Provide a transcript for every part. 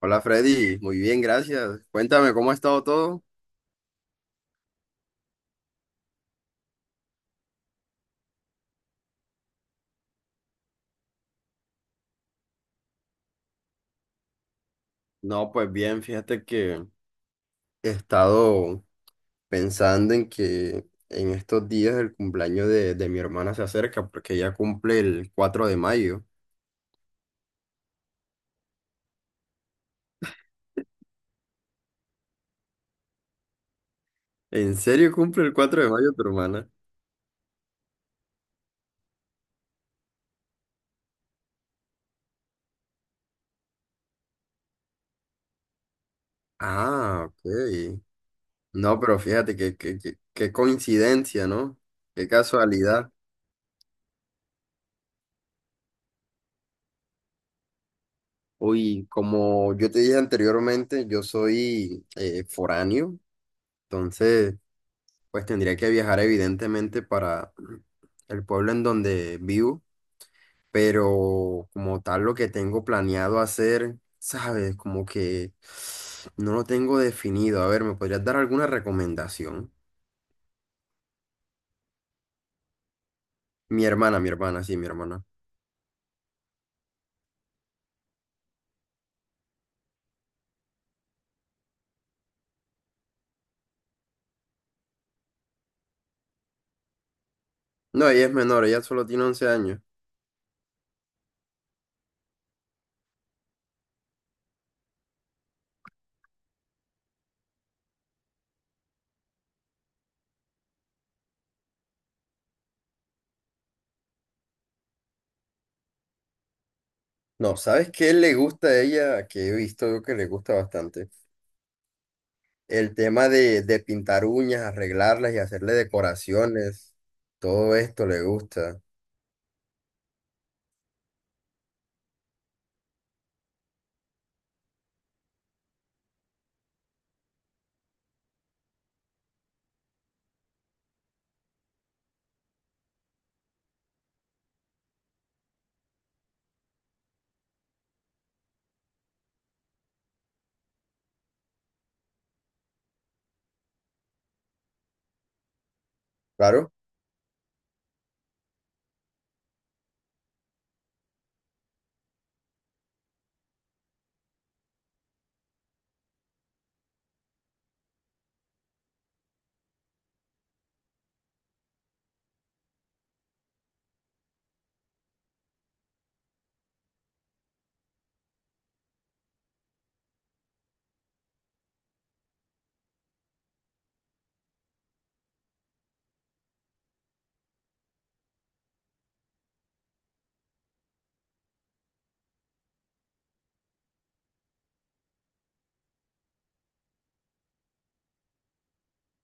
Hola Freddy, muy bien, gracias. Cuéntame, ¿cómo ha estado todo? No, pues bien, fíjate que he estado pensando en que en estos días el cumpleaños de mi hermana se acerca porque ella cumple el 4 de mayo. ¿En serio cumple el 4 de mayo tu hermana? Ah, ok. No, pero fíjate qué coincidencia, ¿no? Qué casualidad. Uy, como yo te dije anteriormente, yo soy foráneo, entonces... Pues tendría que viajar evidentemente para el pueblo en donde vivo, pero como tal lo que tengo planeado hacer, ¿sabes? Como que no lo tengo definido. A ver, ¿me podrías dar alguna recomendación? Mi hermana, sí, mi hermana. No, ella es menor, ella solo tiene 11 años. No, ¿sabes qué le gusta a ella? Que he visto yo que le gusta bastante. El tema de pintar uñas, arreglarlas y hacerle decoraciones. Todo esto le gusta. Claro.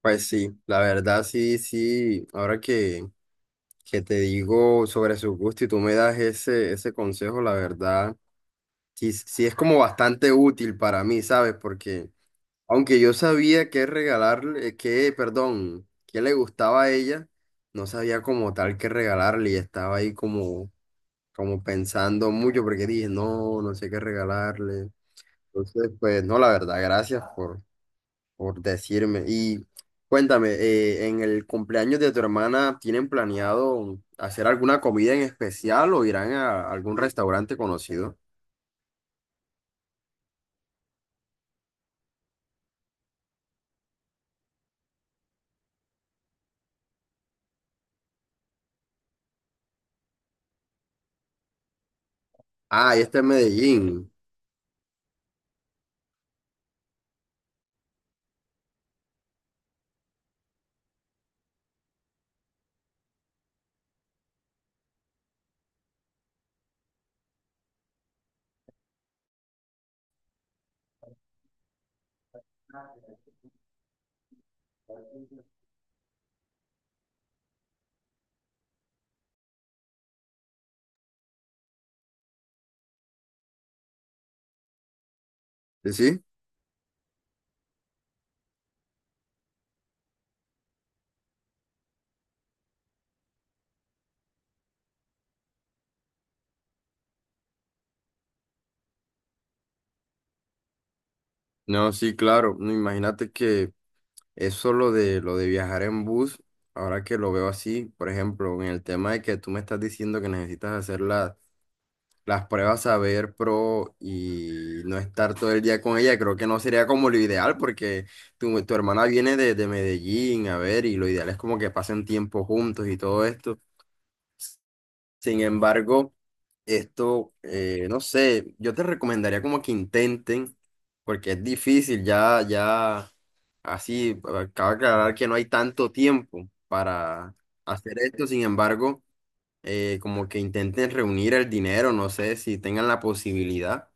Pues sí, la verdad sí, sí, ahora que te digo sobre su gusto y tú me das ese consejo, la verdad, sí, sí es como bastante útil para mí, ¿sabes? Porque aunque yo sabía qué regalarle, perdón, qué le gustaba a ella, no sabía como tal qué regalarle y estaba ahí como, como pensando mucho porque dije, no, no sé qué regalarle. Entonces, pues no, la verdad, gracias por decirme. Y cuéntame, ¿en el cumpleaños de tu hermana tienen planeado hacer alguna comida en especial o irán a algún restaurante conocido? Ah, y este es Medellín. ¿Sí? ¿sí? No, sí, claro. No, imagínate que eso lo de viajar en bus, ahora que lo veo así, por ejemplo, en el tema de que tú me estás diciendo que necesitas hacer las pruebas Saber Pro y no estar todo el día con ella, creo que no sería como lo ideal porque tu hermana viene de Medellín, a ver, y lo ideal es como que pasen tiempo juntos y todo esto. Sin embargo, esto, no sé, yo te recomendaría como que intenten, porque es difícil, ya, ya, así, acaba de aclarar que no hay tanto tiempo para hacer esto, sin embargo como que intenten reunir el dinero, no sé si tengan la posibilidad,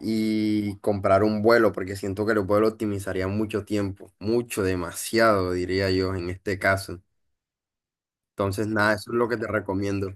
y comprar un vuelo, porque siento que el vuelo optimizaría mucho tiempo, mucho, demasiado, diría yo, en este caso. Entonces, nada, eso es lo que te recomiendo.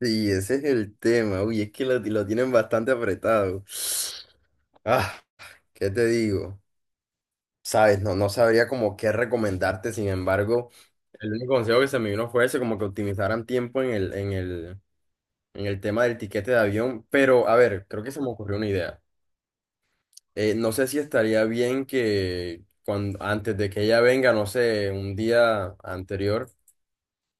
Sí, ese es el tema. Uy, es que lo tienen bastante apretado. Ah, ¿qué te digo? Sabes, no, no sabría como qué recomendarte, sin embargo, el único consejo que se me vino fue ese, como que optimizaran tiempo en el tema del tiquete de avión, pero a ver, creo que se me ocurrió una idea. No sé si estaría bien que cuando, antes de que ella venga, no sé, un día anterior,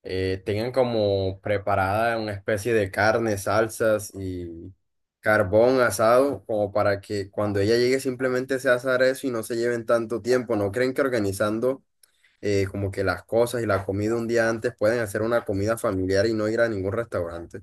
tengan como preparada una especie de carne, salsas y carbón asado, como para que cuando ella llegue simplemente se asar eso y no se lleven tanto tiempo. ¿No creen que organizando como que las cosas y la comida un día antes pueden hacer una comida familiar y no ir a ningún restaurante?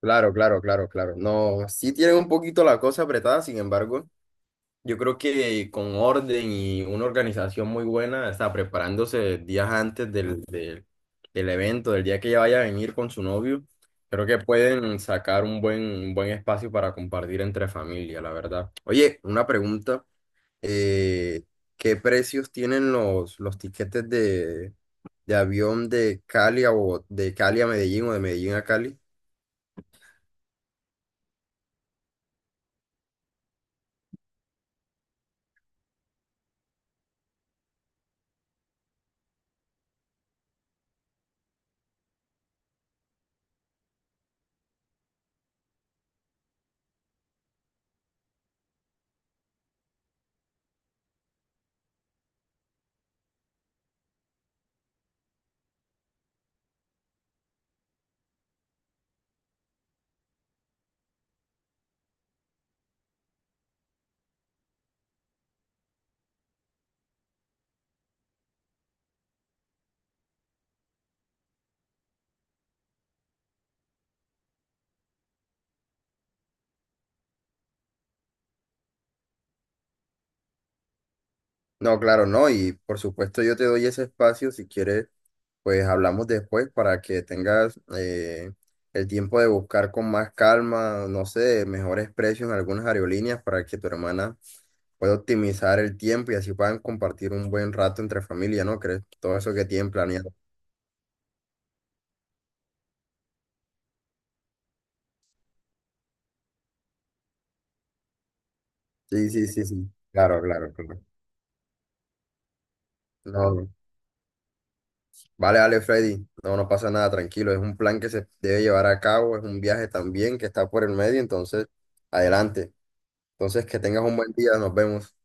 Claro, claro, claro, claro. No, sí tienen un poquito la cosa apretada, sin embargo, yo creo que con orden y una organización muy buena, está preparándose días antes del evento, del día que ella vaya a venir con su novio, creo que pueden sacar un buen espacio para compartir entre familia, la verdad. Oye, una pregunta, eh, ¿qué precios tienen los tiquetes de avión de Cali a de Cali a Medellín o de Medellín a Cali? No, claro, no. Y por supuesto yo te doy ese espacio si quieres, pues hablamos después para que tengas el tiempo de buscar con más calma, no sé, mejores precios en algunas aerolíneas para que tu hermana pueda optimizar el tiempo y así puedan compartir un buen rato entre familia, ¿no crees? Todo eso que tienen planeado. Sí, sí, sí, sí. Claro, claro, claro. No, no. Vale, vale, Freddy. No, no pasa nada, tranquilo. Es un plan que se debe llevar a cabo, es un viaje también que está por el medio, entonces, adelante. Entonces, que tengas un buen día, nos vemos.